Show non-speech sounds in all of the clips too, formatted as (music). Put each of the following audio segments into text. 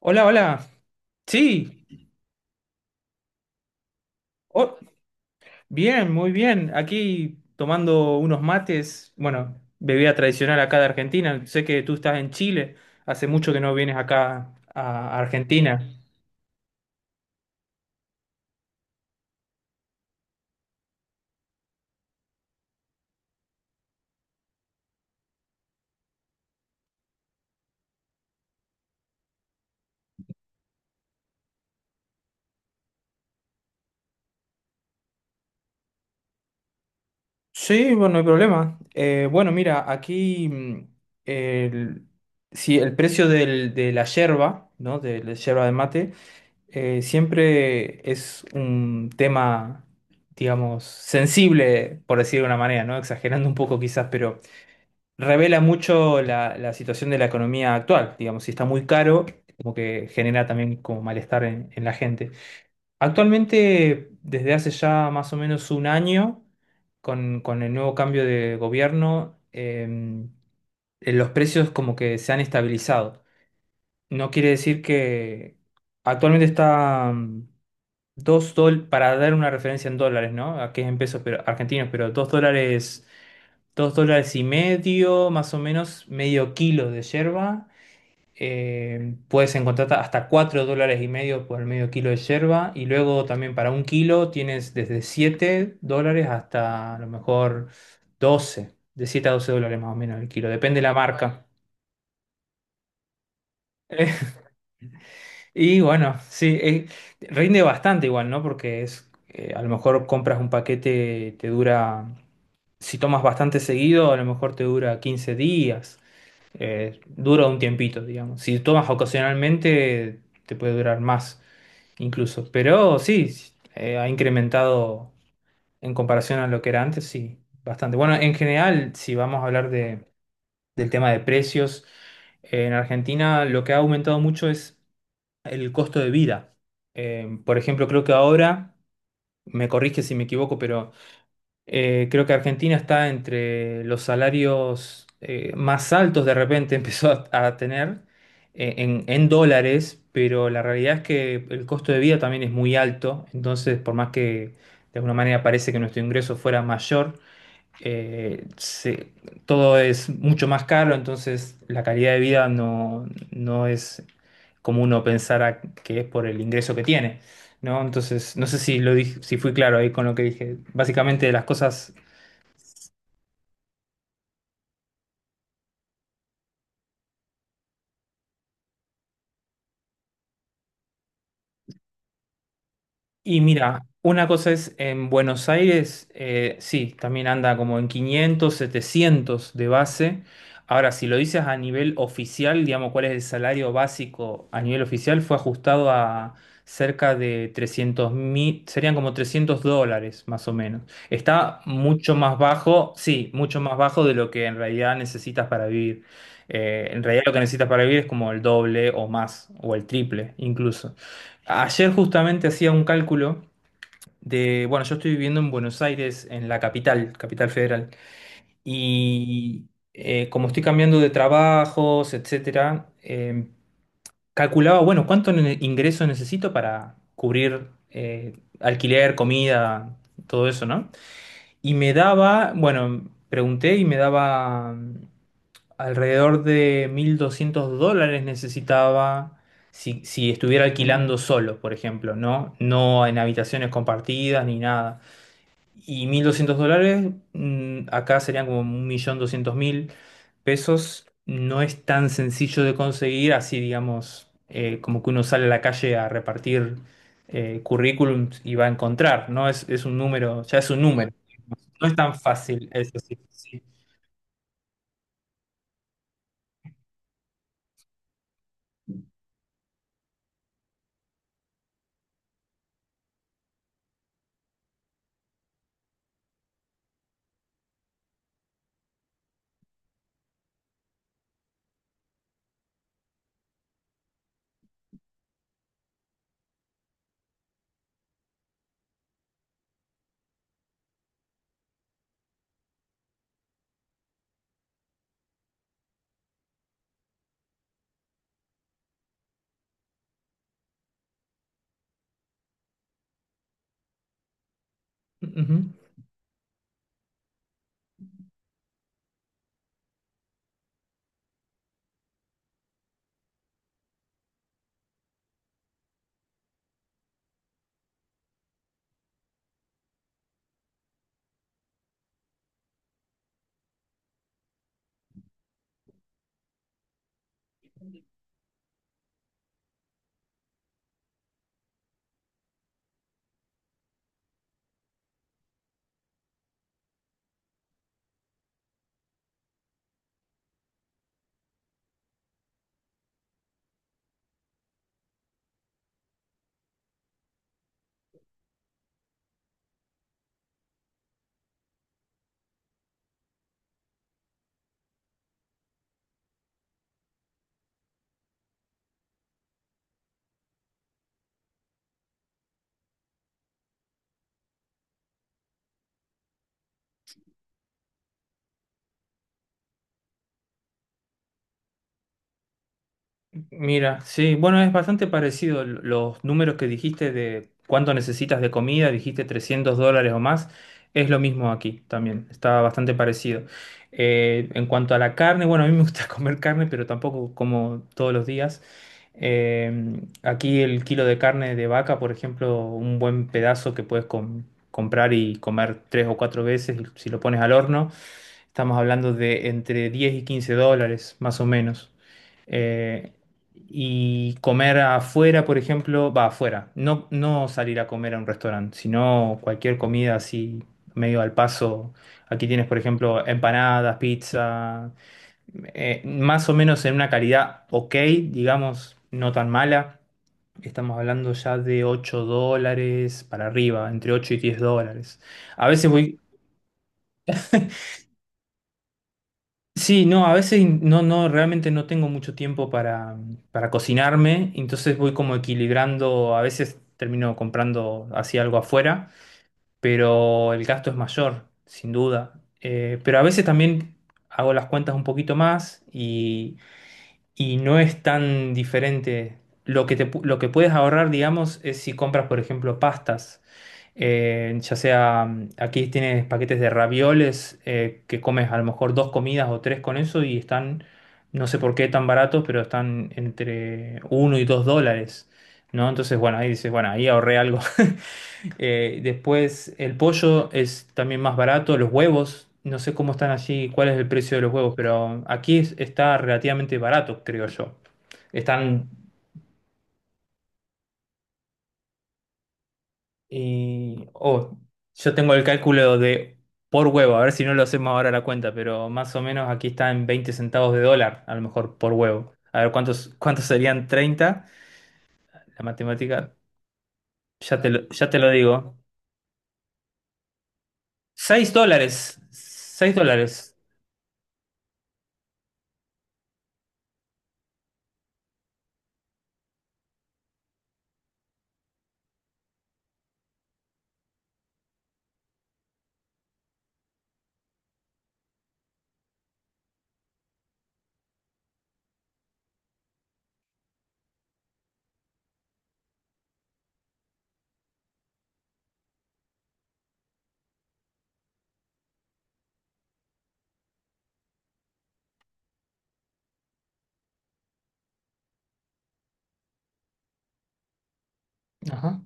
Hola, hola. Sí, oh, bien, muy bien. Aquí tomando unos mates, bueno, bebida tradicional acá de Argentina. Sé que tú estás en Chile, hace mucho que no vienes acá a Argentina. Sí, bueno, no hay problema. Bueno, mira, aquí el, sí, el precio de la yerba, ¿no? De la yerba de mate, siempre es un tema, digamos, sensible, por decir de una manera, ¿no? Exagerando un poco quizás, revela mucho la situación de la economía actual. Digamos, si está muy caro, como que genera también como malestar en la gente. Actualmente, desde hace ya más o menos un año, con el nuevo cambio de gobierno, los precios como que se han estabilizado. No quiere decir que actualmente está $2, para dar una referencia en dólares, ¿no? Aquí es en pesos pero, argentinos, pero $2. $2,50, más o menos medio kilo de yerba. Puedes encontrar hasta $4,50 por medio kilo de yerba. Y luego también para un kilo tienes desde $7 hasta a lo mejor 12. De $7 a $12 más o menos el kilo. Depende de la, vale, marca. Y bueno, sí, rinde bastante igual, ¿no? Porque es, a lo mejor compras un paquete, te dura, si tomas bastante seguido, a lo mejor te dura 15 días. Dura un tiempito, digamos. Si tomas ocasionalmente, te puede durar más incluso. Pero sí, ha incrementado en comparación a lo que era antes, sí, bastante. Bueno, en general, si vamos a hablar del tema de precios, en Argentina lo que ha aumentado mucho es el costo de vida. Por ejemplo, creo que ahora, me corrige si me equivoco, pero creo que Argentina está entre los salarios más altos de repente (laughs) empezó a tener en dólares, pero la realidad es que el costo de vida también es muy alto, entonces por más que de alguna manera parece que nuestro ingreso fuera mayor, eh, se- todo es mucho más caro, entonces la calidad de vida no, no es como uno pensara que es por el ingreso que tiene, ¿no? Entonces, no sé si lo dije, si fui claro ahí con lo que dije. Básicamente las cosas. Y mira, una cosa es en Buenos Aires, sí, también anda como en 500, 700 de base. Ahora, si lo dices a nivel oficial, digamos, cuál es el salario básico a nivel oficial, fue ajustado a cerca de 300 mil, serían como $300 más o menos. Está mucho más bajo, sí, mucho más bajo de lo que en realidad necesitas para vivir. En realidad lo que necesitas para vivir es como el doble o más, o el triple incluso. Ayer justamente hacía un cálculo de, bueno, yo estoy viviendo en Buenos Aires, en la capital, Capital Federal, y como estoy cambiando de trabajos, etcétera, calculaba, bueno, cuánto ingreso necesito para cubrir alquiler, comida, todo eso, ¿no? Y me daba, bueno, pregunté y me daba alrededor de $1.200 necesitaba si estuviera alquilando solo, por ejemplo, ¿no? No en habitaciones compartidas ni nada. Y $1.200 acá serían como 1.200.000 pesos. No es tan sencillo de conseguir, así digamos, como que uno sale a la calle a repartir currículums y va a encontrar, ¿no? Es un número, ya es un número. No es tan fácil, eso sí. Sí. Ujú. Mira, sí, bueno, es bastante parecido los números que dijiste de cuánto necesitas de comida, dijiste $300 o más, es lo mismo aquí también, está bastante parecido. En cuanto a la carne, bueno, a mí me gusta (laughs) comer carne, pero tampoco como todos los días. Aquí el kilo de carne de vaca, por ejemplo, un buen pedazo que puedes comprar y comer tres o cuatro veces y si lo pones al horno. Estamos hablando de entre $10 y $15, más o menos. Eh, y comer afuera, por ejemplo, va afuera. No, no salir a comer a un restaurante, sino cualquier comida así medio al paso. Aquí tienes, por ejemplo, empanadas, pizza, más o menos en una calidad ok, digamos, no tan mala. Estamos hablando ya de $8 para arriba, entre $8 y $10. A veces voy. Sí, no, a veces no, no, realmente no tengo mucho tiempo para, cocinarme, entonces voy como equilibrando, a veces termino comprando así algo afuera, pero el gasto es mayor, sin duda. Pero a veces también hago las cuentas un poquito más y no es tan diferente. Lo que lo que puedes ahorrar, digamos, es si compras, por ejemplo, pastas. Ya sea, aquí tienes paquetes de ravioles que comes a lo mejor dos comidas o tres con eso y están, no sé por qué tan baratos, pero están entre $1 y $2, ¿no? Entonces, bueno, ahí dices, bueno, ahí ahorré algo. (laughs) Después, el pollo es también más barato, los huevos, no sé cómo están allí, cuál es el precio de los huevos, pero aquí está relativamente barato, creo yo. Están. Y, oh, yo tengo el cálculo de por huevo, a ver si no lo hacemos ahora la cuenta, pero más o menos aquí está en 20 centavos de dólar, a lo mejor por huevo. A ver, ¿cuántos serían 30? La matemática, ya te lo digo. $6, $6. Ajá,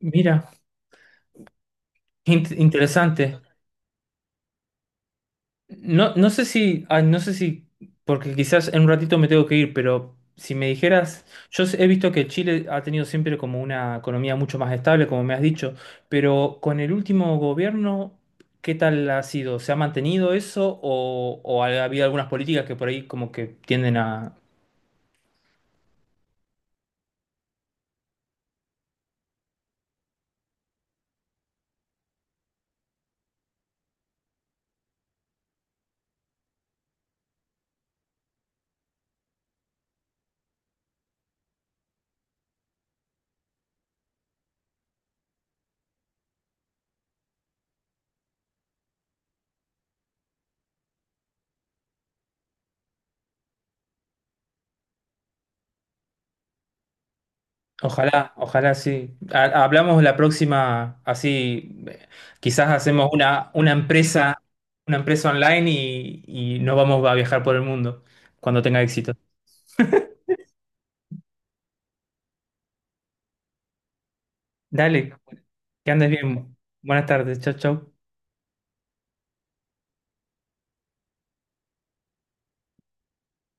mira, interesante. No, no sé si, porque quizás en un ratito me tengo que ir, pero si me dijeras, he visto que Chile ha tenido siempre como una economía mucho más estable, como me has dicho, pero con el último gobierno, ¿qué tal ha sido? ¿Se ha mantenido eso o ha habido algunas políticas que por ahí como que tienden a...? Ojalá, ojalá sí. Hablamos la próxima, así quizás hacemos una empresa online y nos vamos a viajar por el mundo cuando tenga éxito. Dale, que andes bien. Buenas tardes, chau, chau.